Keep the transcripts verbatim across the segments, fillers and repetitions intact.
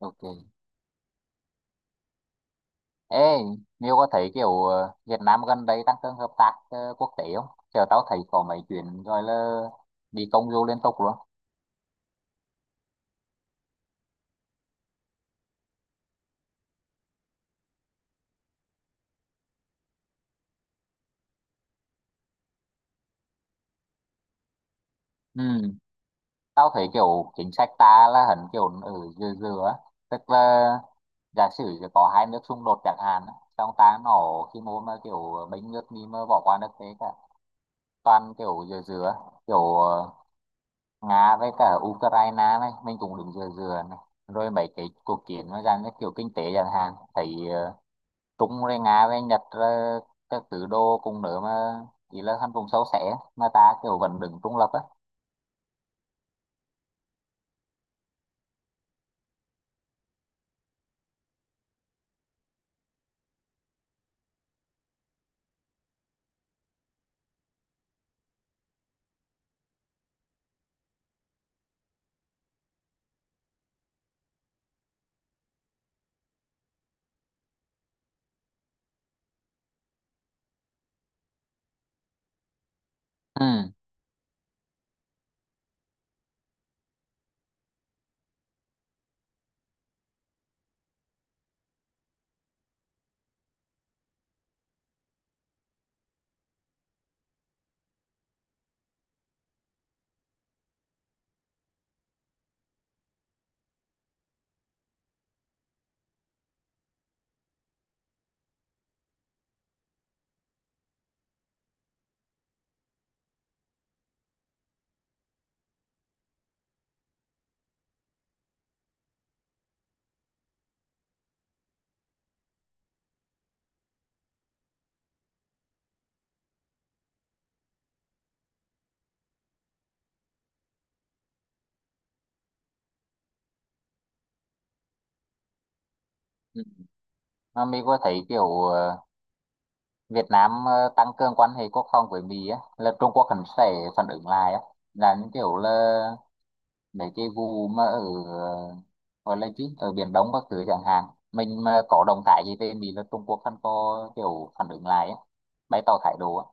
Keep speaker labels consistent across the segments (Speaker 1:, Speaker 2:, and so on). Speaker 1: Ok. Ê, Nhiêu có thấy kiểu ờ, Việt Nam gần đây tăng cường hợp tác ờ, quốc tế không? Chờ tao thấy có mấy chuyện rồi là đi công du liên tục luôn. Ừ. Tao thấy kiểu chính sách ta là hẳn kiểu ở dừa dừa á. Tức là giả sử giờ có hai nước xung đột chẳng hạn á, xong ta nổ khi mô mà kiểu bánh nước đi mà bỏ qua nước thế cả, toàn kiểu dừa dừa á, kiểu ờ, Nga với cả Ukraine này mình cũng đứng dừa dừa này, rồi mấy cái cuộc chiến nó ra như kiểu kinh tế chẳng hạn thấy ờ, Trung rồi Nga với Nhật rồi các thứ đồ cùng nữa, mà chỉ là thành vùng sâu xẻ mà ta kiểu vẫn đứng trung lập á. Ừ. Ừ. Mà Mỹ có thấy kiểu ờ, Việt Nam ờ, tăng cường quan hệ quốc phòng với Mỹ á là Trung Quốc hẳn sẽ phản ứng lại á, là những kiểu là mấy cái vụ mà ở ờ, gọi là chứ ở Biển Đông các thứ chẳng hạn, mình mà có động thái gì về Mỹ là Trung Quốc hẳn có kiểu phản ứng lại á, bày tỏ thái độ á.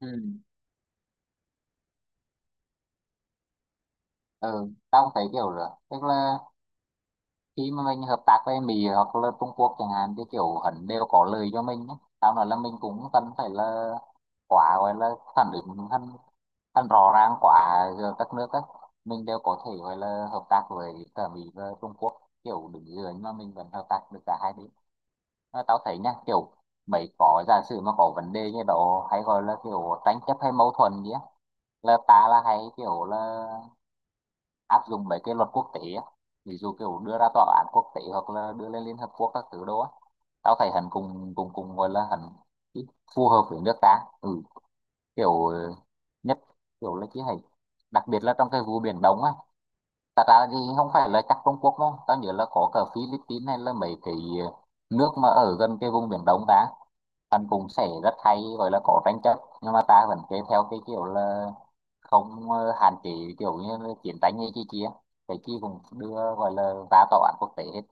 Speaker 1: Ừ. Ừ, tao cũng thấy kiểu rồi, tức là khi mà mình hợp tác với Mỹ hoặc là Trung Quốc chẳng hạn thì kiểu hẳn đều có lời cho mình ấy. Tao nói là mình cũng cần phải là quá gọi là phản ứng hắn, hắn rõ ràng quá giữa các nước ấy, mình đều có thể gọi là hợp tác với cả Mỹ và Trung Quốc, kiểu đứng dưới mà mình vẫn hợp tác được cả hai bên. Mà tao thấy nha, kiểu mấy có giả sử mà có vấn đề như đó hay gọi là kiểu tranh chấp hay mâu thuẫn gì á, là ta là hay kiểu là áp dụng mấy cái luật quốc tế á, ví dụ kiểu đưa ra tòa án quốc tế hoặc là đưa lên Liên Hợp Quốc các thứ đó á. Tao thấy hắn cùng cùng cùng gọi là hắn ít phù hợp với nước ta. Ừ, kiểu ờ, nhất kiểu là chỉ hay đặc biệt là trong cái vụ Biển Đông á. Thật ra thì không phải là chắc Trung Quốc đâu. Tao nhớ là có cả Philippines hay là mấy cái ờ, nước mà ở gần cái vùng Biển Đông ta. Hắn cũng sẽ rất hay gọi là có tranh chấp. Nhưng mà ta vẫn kế theo cái kiểu là không ờ, hạn chế kiểu như là chiến tranh hay chi chi á. Cái chi cũng đưa gọi là ra tòa án quốc tế hết.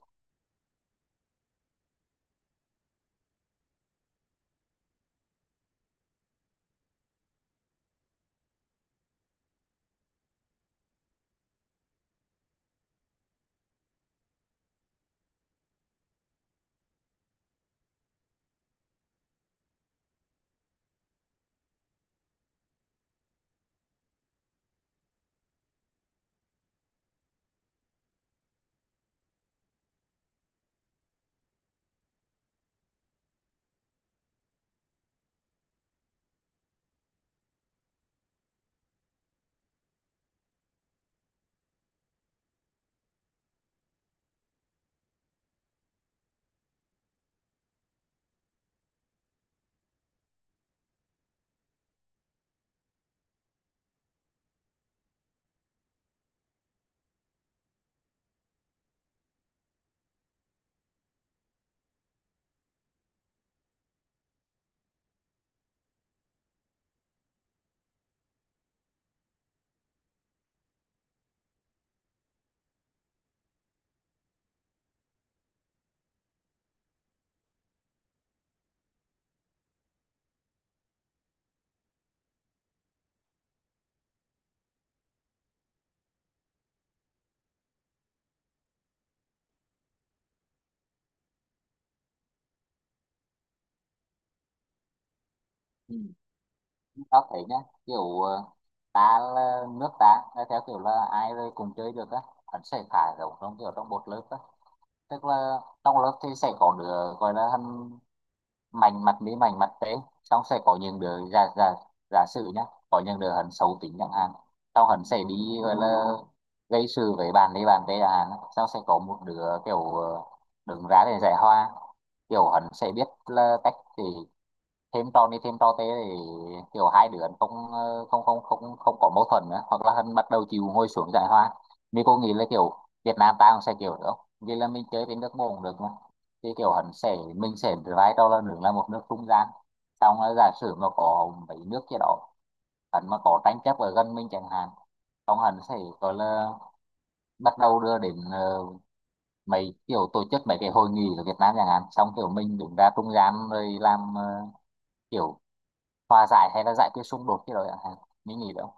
Speaker 1: Ừ. Tao thấy nhá, kiểu ờ, ta là nước ta là theo kiểu là ai rồi cùng chơi được á. Hắn sẽ thả giống trong kiểu trong một lớp á. Tức là trong lớp thì sẽ có đứa gọi là hắn mảnh mặt mỹ mảnh mặt tế, xong sẽ có những đứa giả giả, giả sử nhá, có những đứa hắn xấu tính chẳng hạn, sau hắn sẽ đi gọi là gây sự với bạn đi bạn tế chẳng hạn, xong sẽ có một đứa kiểu ờ, đứng ra để giải hoa, kiểu hắn sẽ biết là cách để thêm trò này thêm trò thế để kiểu hai đứa không ờ, không không không không có mâu thuẫn nữa, hoặc là hắn bắt đầu chịu ngồi xuống giải hòa. Mình cô nghĩ là kiểu Việt Nam ta cũng sẽ kiểu nữa, vì là mình chơi với nước môn cũng được mà, thì kiểu hắn sẽ mình sẽ vai trò là nước là một nước trung gian. Xong là giả sử mà có mấy nước kia đó, hắn mà có tranh chấp ở gần mình chẳng hạn, xong hắn sẽ gọi là bắt đầu đưa đến ờ, mấy kiểu tổ chức mấy cái hội nghị ở Việt Nam chẳng hạn, xong kiểu mình đứng ra trung gian rồi làm ờ, kiểu hòa giải hay là giải quyết xung đột cái đó chẳng hạn. Mình nghĩ đâu.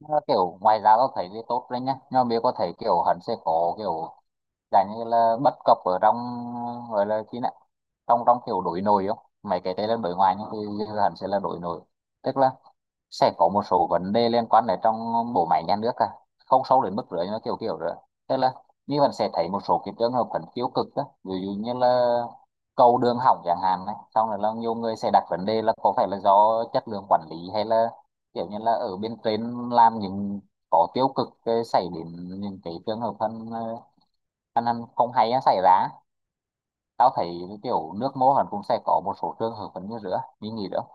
Speaker 1: Nó kiểu ngoài ra tao thấy thì tốt đấy nhá, nhưng mà mình có thể kiểu hắn sẽ có kiểu dạng như là bất cập ở trong gọi là cái này, trong trong kiểu đối nội không? Mấy cái đấy là đối ngoại, nhưng thì hắn sẽ là đối nội. Tức là sẽ có một số vấn đề liên quan đến trong bộ máy nhà nước à, không sâu đến mức rưỡi nó kiểu kiểu rồi. Tức là như bạn sẽ thấy một số cái trường hợp vẫn tiêu cực đó, ví dụ như là cầu đường hỏng chẳng hạn này, xong rồi là nhiều người sẽ đặt vấn đề là có phải là do chất lượng quản lý, hay là kiểu như là ở bên trên làm những có tiêu cực ờ, xảy đến những cái trường hợp thân ăn ăn không hay nó xảy ra. Tao thấy kiểu nước mô hẳn cũng sẽ có một số trường hợp vẫn như rửa như nhỉ đó.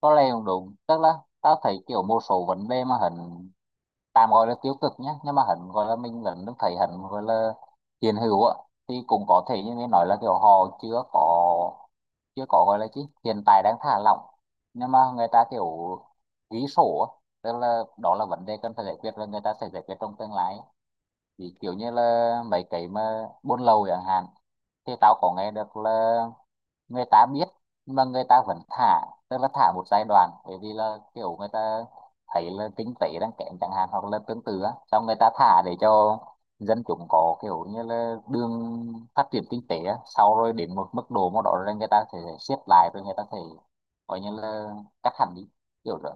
Speaker 1: Có lẽ cũng đúng, tức là tao thấy kiểu một số vấn đề mà hình tạm gọi là tiêu cực nhé, nhưng mà hình gọi là mình vẫn thấy hình gọi là hiện hữu á. Thì cũng có thể như mình nói là kiểu họ chưa có, chưa có gọi là chứ hiện tại đang thả lỏng, nhưng mà người ta kiểu ghi sổ á, tức là đó là vấn đề cần phải giải quyết và người ta sẽ giải quyết trong tương lai. Thì kiểu như là mấy cái mà buôn lậu chẳng hạn, thì tao có nghe được là người ta biết nhưng mà người ta vẫn thả. Tức là thả một giai đoạn, bởi vì là kiểu người ta thấy là kinh tế đang kém chẳng hạn hoặc là tương tự á, xong người ta thả để cho dân chúng có kiểu như là đường phát triển kinh tế á, sau rồi đến một mức độ mà đó rồi người ta sẽ siết lại, rồi người ta sẽ coi như là cắt hẳn đi kiểu rồi.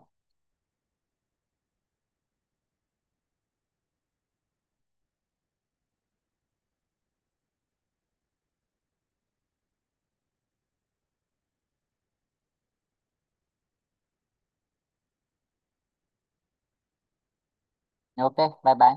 Speaker 1: Ok, bye bye.